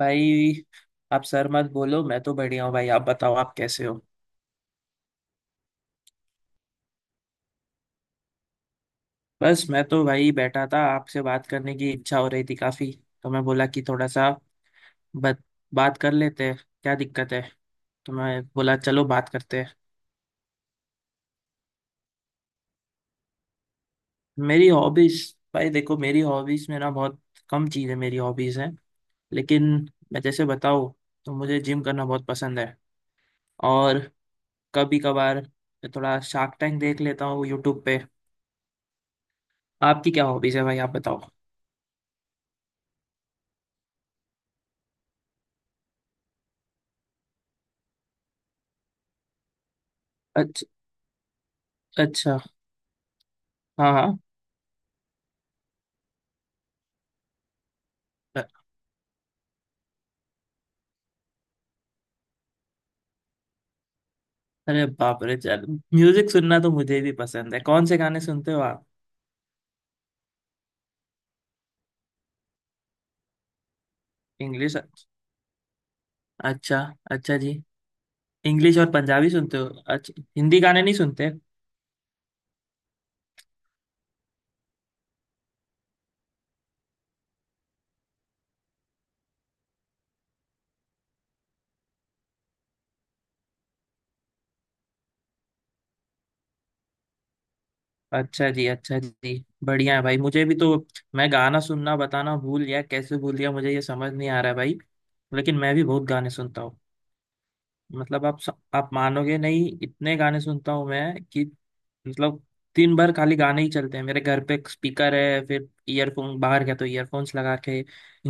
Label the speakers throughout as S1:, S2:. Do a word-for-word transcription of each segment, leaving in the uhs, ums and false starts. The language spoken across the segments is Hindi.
S1: भाई आप सर मत बोलो। मैं तो बढ़िया हूँ भाई, आप बताओ, आप कैसे हो। बस मैं तो भाई बैठा था, आपसे बात करने की इच्छा हो रही थी काफी, तो मैं बोला कि थोड़ा सा बत, बात कर लेते हैं, क्या दिक्कत है, तो मैं बोला चलो बात करते हैं। मेरी हॉबीज। भाई देखो, मेरी हॉबीज में ना बहुत कम चीज़ें मेरी हॉबीज हैं, लेकिन मैं जैसे बताऊँ, तो मुझे जिम करना बहुत पसंद है। और कभी कभार थोड़ा शार्क टैंक देख लेता हूँ यूट्यूब पे। आपकी क्या हॉबीज है भाई, आप बताओ। अच्छा। हाँ हाँ। अ- अरे बाप रे चल। म्यूजिक सुनना तो मुझे भी पसंद है, कौन से गाने सुनते हो आप। इंग्लिश। अच्छा। अच्छा जी, इंग्लिश और पंजाबी सुनते हो। अच्छा, हिंदी गाने नहीं सुनते। अच्छा जी अच्छा जी, बढ़िया है भाई। मुझे भी तो मैं गाना सुनना बताना भूल गया, कैसे भूल गया मुझे ये समझ नहीं आ रहा है भाई। लेकिन मैं भी बहुत गाने सुनता हूँ। मतलब आप आप मानोगे नहीं, इतने गाने सुनता हूँ मैं कि मतलब दिन भर खाली गाने ही चलते हैं मेरे। घर पे स्पीकर है, फिर ईयरफोन, बाहर गया तो ईयरफोन्स लगा के,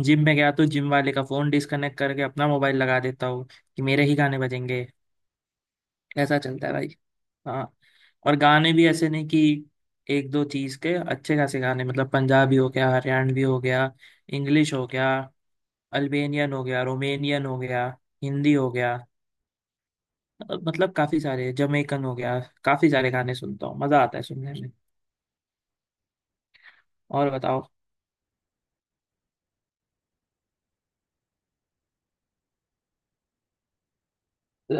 S1: जिम में गया तो जिम वाले का फोन डिस्कनेक्ट करके अपना मोबाइल लगा देता हूँ कि मेरे ही गाने बजेंगे। ऐसा चलता है भाई। हाँ। और गाने भी ऐसे नहीं कि एक दो चीज के, अच्छे खासे गाने, मतलब पंजाबी हो गया, हरियाणवी हो गया, इंग्लिश हो गया, अल्बेनियन हो गया, रोमेनियन हो गया, हिंदी हो गया, मतलब काफी सारे, जमैकन हो गया, काफी सारे गाने सुनता हूँ, मजा आता है सुनने में। और बताओ।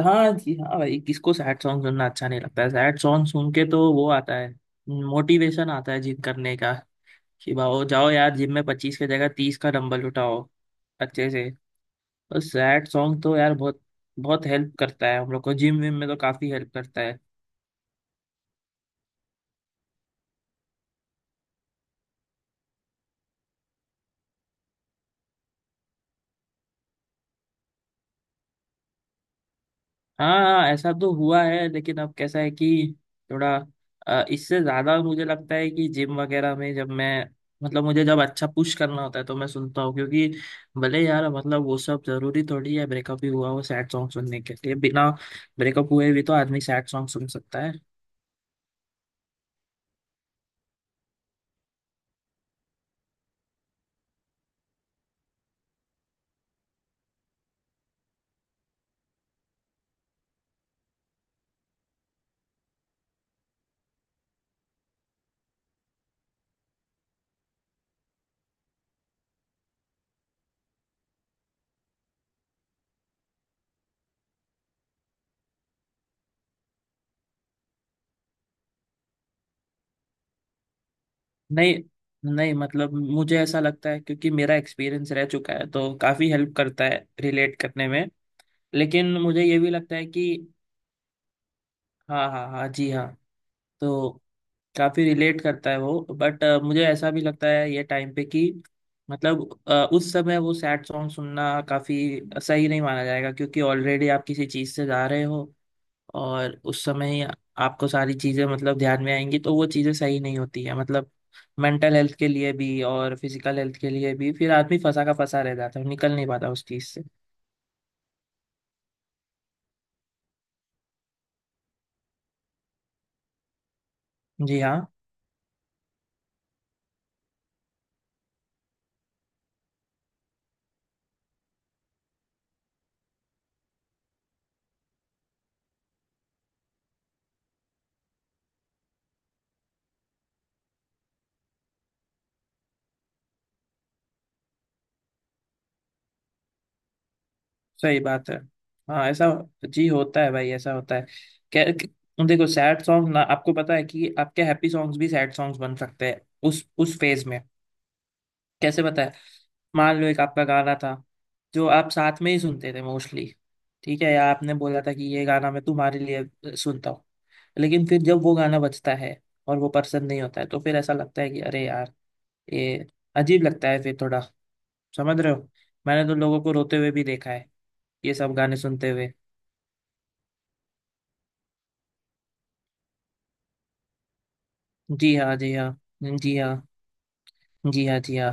S1: हाँ जी हाँ भाई, किसको सैड सॉन्ग सुनना अच्छा नहीं लगता है। सैड सॉन्ग सुन के तो वो आता है, मोटिवेशन आता है जिम करने का, कि भाओ जाओ यार जिम में पच्चीस की जगह तीस का डंबल उठाओ अच्छे से। और सैड सॉन्ग तो यार बहुत बहुत हेल्प करता है हम लोग को, जिम विम में तो काफी हेल्प करता है। हाँ हाँ, ऐसा तो हुआ है लेकिन अब कैसा है कि थोड़ा अ, इससे ज्यादा मुझे लगता है कि जिम वगैरह में जब मैं मतलब मुझे जब अच्छा पुश करना होता है तो मैं सुनता हूँ, क्योंकि भले यार मतलब वो सब जरूरी थोड़ी है ब्रेकअप ही हुआ हो सैड सॉन्ग सुनने के लिए, बिना ब्रेकअप हुए भी तो आदमी सैड सॉन्ग सुन सकता है। नहीं नहीं, मतलब मुझे ऐसा लगता है, क्योंकि मेरा एक्सपीरियंस रह चुका है तो काफी हेल्प करता है रिलेट करने में। लेकिन मुझे ये भी लगता है कि हाँ हाँ हाँ जी हाँ, तो काफी रिलेट करता है वो, बट मुझे ऐसा भी लगता है ये टाइम पे कि मतलब अ, उस समय वो सैड सॉन्ग सुनना काफी सही नहीं माना जाएगा, क्योंकि ऑलरेडी आप किसी चीज से जा रहे हो और उस समय ही आपको सारी चीजें मतलब ध्यान में आएंगी तो वो चीजें सही नहीं होती है, मतलब मेंटल हेल्थ के लिए भी और फिजिकल हेल्थ के लिए भी, फिर आदमी फंसा का फंसा रह जाता है, निकल नहीं पाता उस चीज से। जी हाँ। सही बात है। हाँ, ऐसा जी होता है भाई, ऐसा होता है। क्या क्या- देखो सैड सॉन्ग ना, आपको पता है कि आपके हैप्पी सॉन्ग्स भी सैड सॉन्ग्स बन सकते हैं उस उस फेज में। कैसे पता है। मान लो एक आपका गाना था जो आप साथ में ही सुनते थे मोस्टली, ठीक है, या आपने बोला था कि ये गाना मैं तुम्हारे लिए सुनता हूँ, लेकिन फिर जब वो गाना बजता है और वो पसंद नहीं होता है तो फिर ऐसा लगता है कि अरे यार ये अजीब लगता है फिर थोड़ा, समझ रहे हो। मैंने तो लोगों को रोते हुए भी देखा है ये सब गाने सुनते हुए। जी हाँ जी हाँ जी हाँ जी हाँ जी हाँ।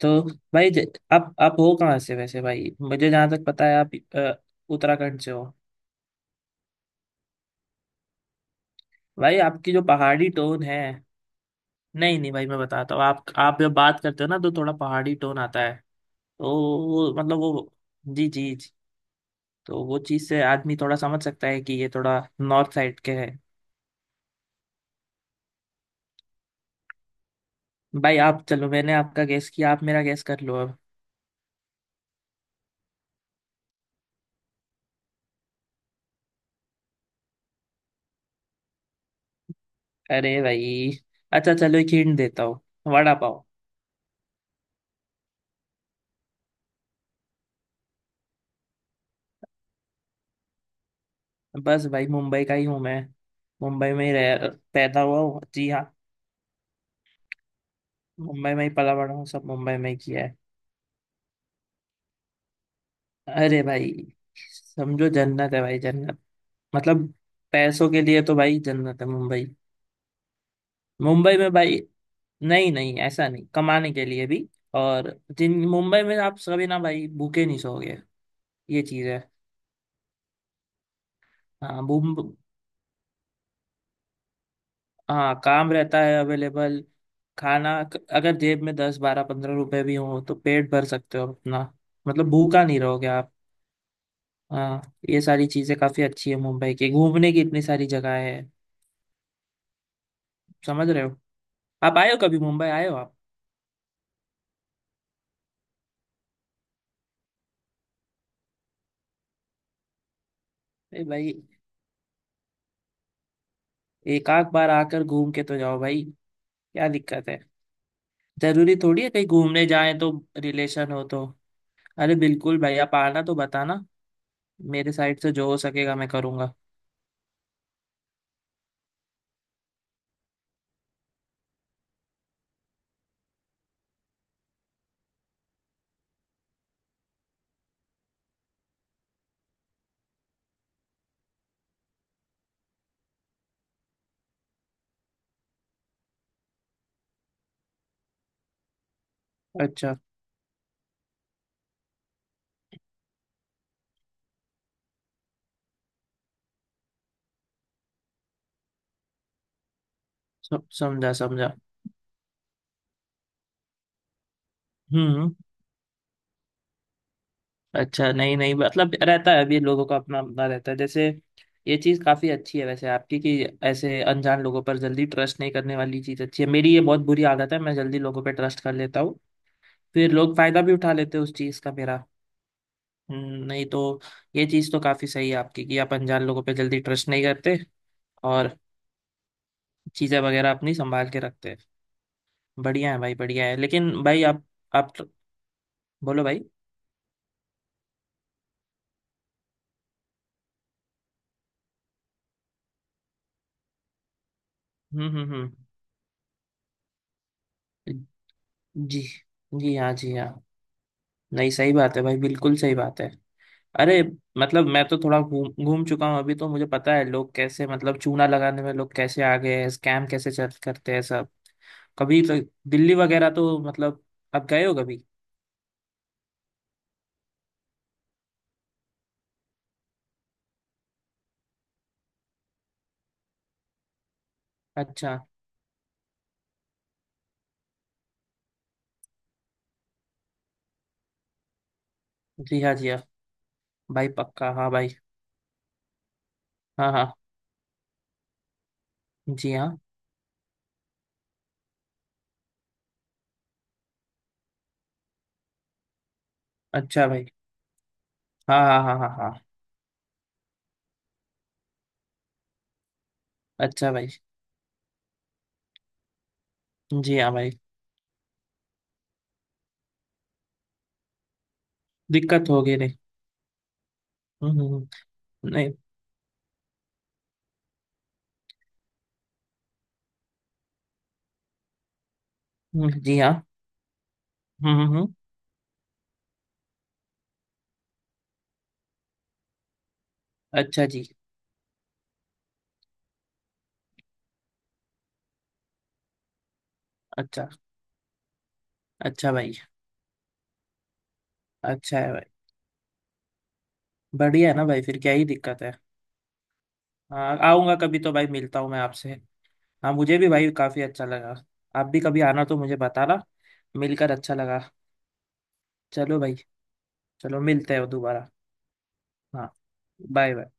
S1: तो भाई ज- आप आप हो कहाँ से वैसे, भाई मुझे जहाँ तक पता है आप अ, उत्तराखंड से हो। भाई आपकी जो पहाड़ी टोन है, नहीं नहीं भाई मैं बताता हूँ, आप आप जब बात करते हो ना तो थोड़ा पहाड़ी टोन आता है, तो वो मतलब वो जी जी जी, तो वो चीज़ से आदमी थोड़ा समझ सकता है कि ये थोड़ा नॉर्थ साइड के है। भाई आप चलो मैंने आपका गैस किया, आप मेरा गैस कर लो अब। अरे भाई, अच्छा चलो एक हिंट देता हूँ, वड़ा पाव। बस भाई मुंबई का ही हूँ मैं, मुंबई में ही रह, पैदा हुआ हूँ जी हाँ, मुंबई में ही पला बड़ा हूँ, सब मुंबई में ही किया है। अरे भाई, समझो जन्नत है भाई, जन्नत। मतलब पैसों के लिए तो भाई जन्नत है मुंबई, मुंबई में भाई। नहीं नहीं ऐसा नहीं, कमाने के लिए भी, और जिन मुंबई में आप सभी ना भाई भूखे नहीं सोओगे, ये चीज़ है। हाँ मुं- हाँ, काम रहता है अवेलेबल। खाना, अगर जेब में दस बारह पंद्रह रुपए भी हो तो पेट भर सकते हो अपना, मतलब भूखा नहीं रहोगे। हाँ, ये सारी चीजें काफी अच्छी है मुंबई की, घूमने की इतनी सारी जगह है, समझ रहे हो। आप आए हो कभी, मुंबई आए हो आप। ए भाई, एक आध बार आकर घूम के तो जाओ भाई, क्या दिक्कत है। जरूरी थोड़ी है कहीं घूमने जाए तो रिलेशन हो तो। अरे बिल्कुल भाई, आप आना तो बताना, मेरे साइड से जो हो सकेगा मैं करूंगा। अच्छा, सम- समझा समझा। हम्म। अच्छा, नहीं नहीं मतलब रहता है, अभी लोगों का अपना अपना रहता है, जैसे ये चीज़ काफ़ी अच्छी है वैसे आपकी कि ऐसे अनजान लोगों पर जल्दी ट्रस्ट नहीं करने वाली चीज़ अच्छी है। मेरी ये बहुत बुरी आदत है, मैं जल्दी लोगों पे ट्रस्ट कर लेता हूँ, फिर लोग फायदा भी उठा लेते हैं उस चीज़ का मेरा। हम्म, नहीं तो ये चीज़ तो काफ़ी सही है आपकी कि आप अनजान लोगों पे जल्दी ट्रस्ट नहीं करते और चीज़ें वगैरह अपनी संभाल के रखते हैं। बढ़िया है भाई, बढ़िया है। लेकिन भाई आप आप बोलो भाई। हम्म हम्म हम्म। जी। जी हाँ जी हाँ। नहीं सही बात है भाई, बिल्कुल सही बात है। अरे, मतलब मैं तो थोड़ा घूम घूम चुका हूँ अभी, तो मुझे पता है लोग कैसे मतलब चूना लगाने में लोग कैसे आ गए हैं, स्कैम कैसे चल करते हैं सब। कभी तो दिल्ली वगैरह तो मतलब, आप गए हो कभी। अच्छा। जी हाँ जी हाँ। भाई पक्का हाँ भाई। हाँ हाँ। जी हाँ। अच्छा भाई। हाँ हाँ हाँ हाँ हाँ। अच्छा भाई। जी हाँ भाई। दिक्कत होगी नहीं। हम्म हम्म। हम्म, नहीं। हम्म, जी हाँ। हम्म हम्म हम्म। अच्छा जी। अच्छा। अच्छा भाई। अच्छा है भाई, बढ़िया है ना भाई, फिर क्या ही दिक्कत है। हाँ आऊँगा कभी तो भाई, मिलता हूँ मैं आपसे। हाँ मुझे भी भाई काफ़ी अच्छा लगा, आप भी कभी आना तो मुझे बताना, मिलकर अच्छा लगा। चलो भाई, चलो मिलते हैं दोबारा। हाँ, बाय बाय।